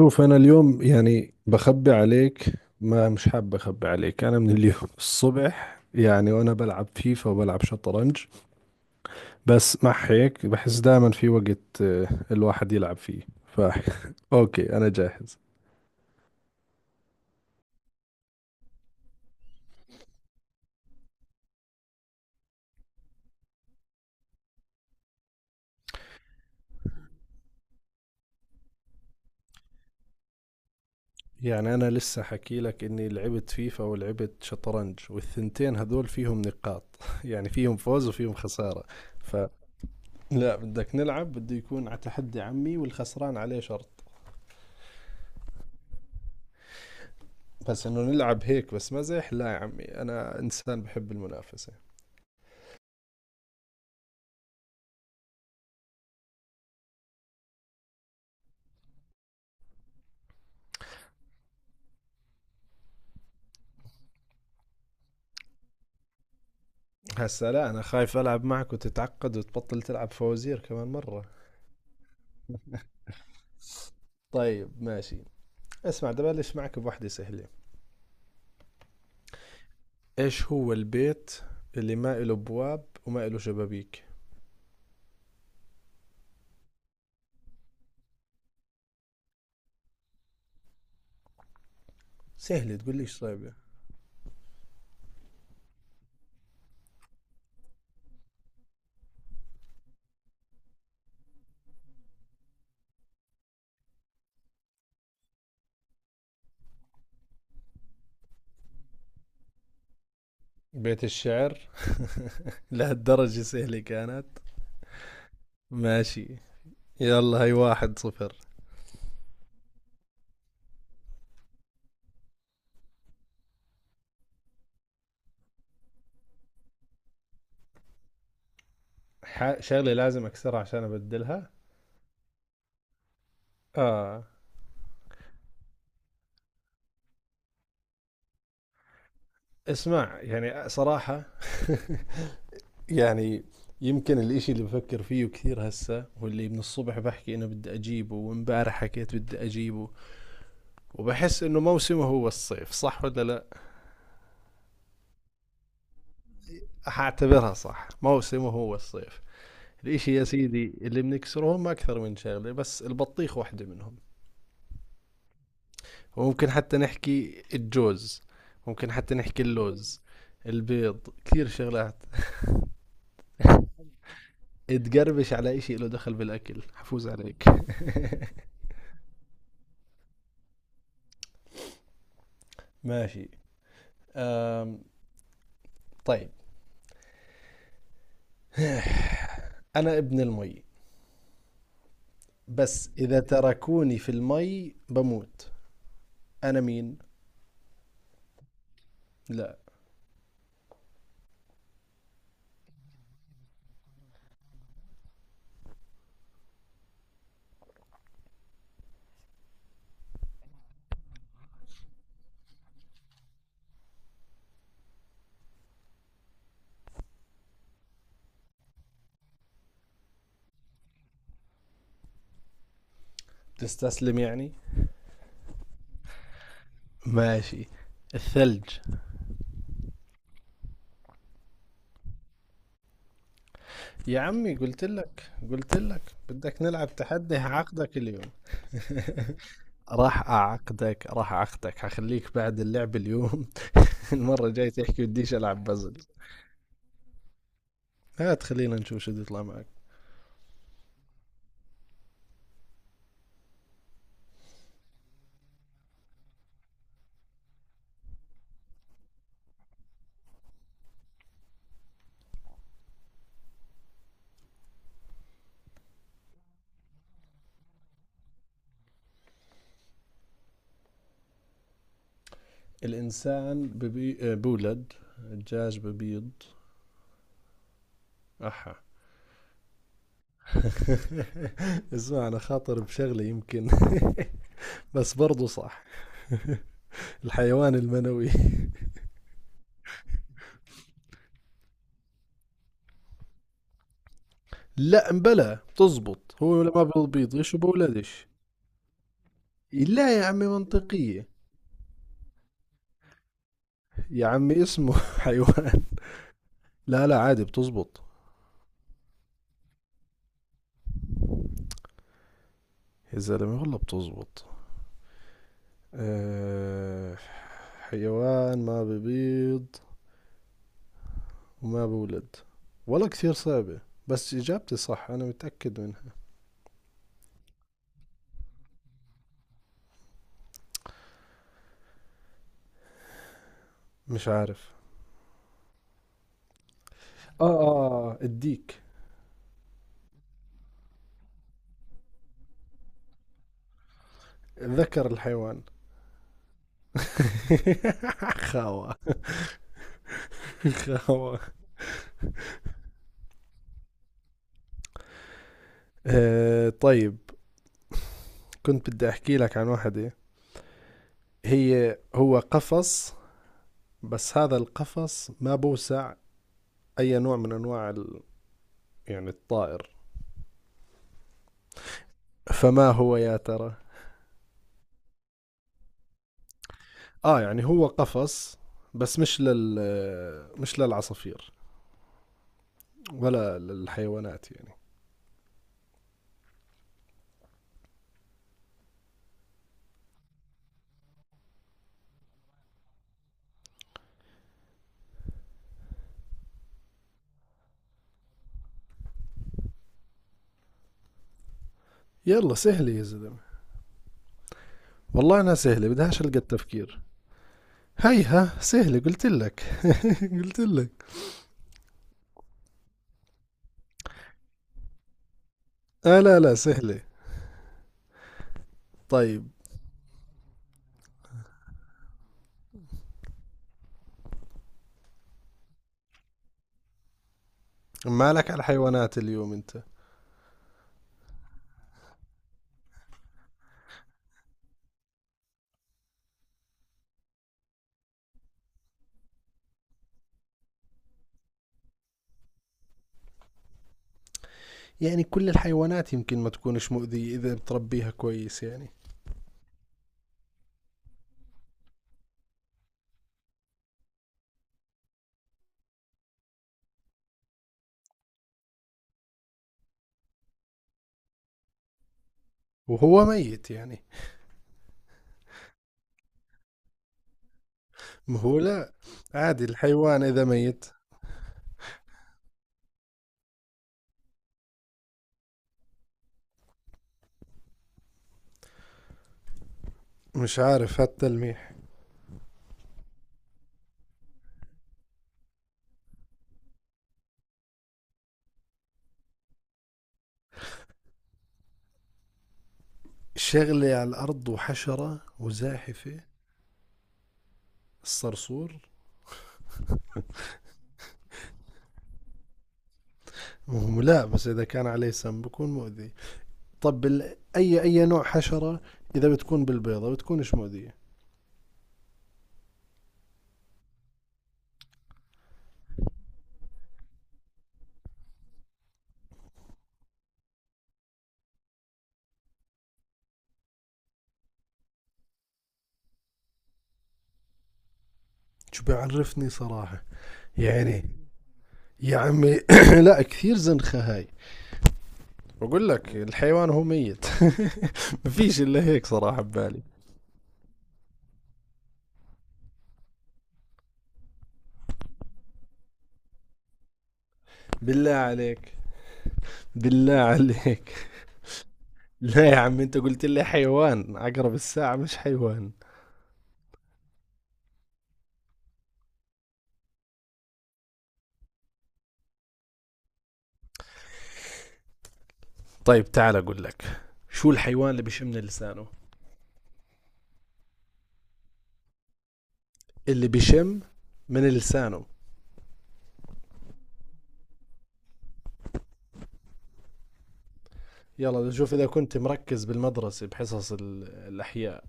شوف، أنا اليوم يعني بخبي عليك. ما مش حاب أخبي عليك. أنا من اليوم الصبح يعني وأنا بلعب فيفا وبلعب شطرنج. بس مع هيك بحس دائما في وقت الواحد يلعب فيه. ف أوكي، أنا جاهز. يعني أنا لسه حكي لك إني لعبت فيفا ولعبت شطرنج، والثنتين هذول فيهم نقاط. يعني فيهم فوز وفيهم خسارة. ف لا، بدك نلعب بده يكون على تحدي عمي، والخسران عليه شرط. بس انه نلعب هيك بس مزح، لا يا عمي، انا انسان بحب المنافسه. هسا لا، انا خايف العب معك وتتعقد وتبطل تلعب فوازير كمان مره. طيب ماشي. اسمع، بدي ابلش معك بوحده سهله. ايش هو البيت اللي ما له بواب وما له شبابيك؟ سهله، تقول ليش صعبه؟ بيت الشعر. لهالدرجه سهله كانت؟ ماشي. يلا، هي 1-0. شغله لازم اكسرها عشان ابدلها؟ اه. اسمع، يعني صراحه، يعني يمكن الاشي اللي بفكر فيه كثير هسه، واللي من الصبح بحكي انه بدي اجيبه، وامبارح حكيت بدي اجيبه، وبحس انه موسمه هو الصيف، صح ولا لا؟ حاعتبرها صح، موسمه هو الصيف. الاشي يا سيدي اللي بنكسره هم اكثر من شغلة، بس البطيخ واحدة منهم. وممكن حتى نحكي الجوز، ممكن حتى نحكي اللوز. البيض كثير شغلات. تقربش على اشي له دخل بالاكل، حفوز عليك. ماشي. أم طيب، انا ابن المي، بس إذا تركوني في المي بموت. أنا مين؟ لا. تستسلم يعني؟ ماشي. الثلج. يا عمي قلت لك، قلت لك بدك نلعب تحدي، هعقدك اليوم. راح أعقدك، راح أعقدك، هخليك بعد اللعب اليوم المرة الجاية تحكي بديش ألعب بازل. هات، خلينا نشوف شو بده يطلع معك. الإنسان ببي... آه، بولد. الدجاج ببيض. أحا. اسمع، أنا خاطر بشغلة يمكن بس برضه صح. الحيوان المنوي. لا مبلا بتزبط، هو ما بيبيضش وبولدش. لا يا عمي منطقية. يا عمي اسمه حيوان. لا لا، عادي بتزبط. يا زلمة والله بتزبط. أه، حيوان ما ببيض وما بولد. والله كثير صعبة، بس إجابتي صح أنا متأكد منها. مش عارف. آه آه، الديك. ذكر الحيوان. خاوة. خاوة. آه طيب، كنت بدي احكي لك عن واحدة. هي هو قفص، بس هذا القفص ما بوسع اي نوع من انواع ال... يعني الطائر. فما هو يا ترى؟ اه يعني هو قفص، بس مش للعصافير ولا للحيوانات يعني. يلا سهلة يا زلمة، والله انها سهلة بدهاش القى التفكير. هيها سهلة قلت لك. قلت لك. اه لا لا، سهلة. طيب. مالك على الحيوانات اليوم انت؟ يعني كل الحيوانات يمكن ما تكونش مؤذية إذا بتربيها كويس يعني. وهو ميت يعني؟ ما هو لا، عادي الحيوان إذا ميت. مش عارف هالتلميح. شغلة على الأرض وحشرة وزاحفة؟ الصرصور. ما هو لا، بس إذا كان عليه سم بكون مؤذي. طب أي أي نوع حشرة إذا بتكون بالبيضة بتكونش مؤذية. شو بيعرفني صراحة؟ يعني يا عمي، لا كثير زنخة هاي. بقول لك الحيوان هو ميت. مفيش الا هيك صراحة ببالي. بالله عليك. بالله عليك. لا يا عم، انت قلت لي حيوان، عقرب الساعة مش حيوان. طيب تعال اقول لك، شو الحيوان اللي بيشم من لسانه؟ اللي بيشم من لسانه. يلا، بدي اشوف اذا كنت مركز بالمدرسة بحصص الاحياء.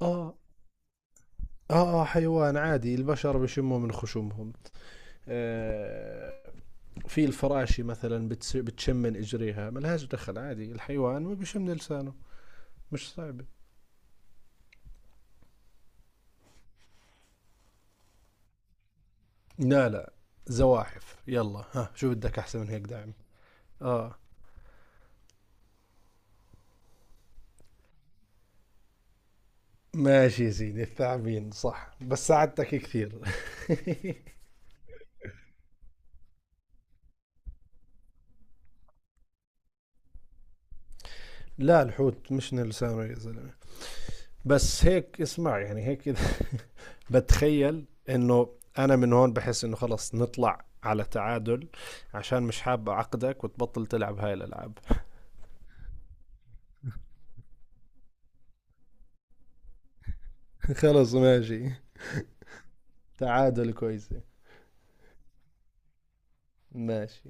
اه اه اه، حيوان. عادي البشر بيشموا من خشومهم. آه، في الفراشي مثلا بتشم من اجريها، ملهاش دخل. عادي، الحيوان ما بيشم لسانه. مش صعبه. لا لا. زواحف، يلا ها شو بدك احسن من هيك دعم. اه. ماشي يا سيدي، الثعابين صح، بس ساعدتك كثير. لا الحوت مش لسانه يا زلمه. بس هيك اسمع، يعني هيك إذا بتخيل انه انا من هون بحس انه خلص نطلع على تعادل، عشان مش حاب اعقدك وتبطل تلعب هاي الالعاب. خلص ماشي. تعادل كويسة. ماشي.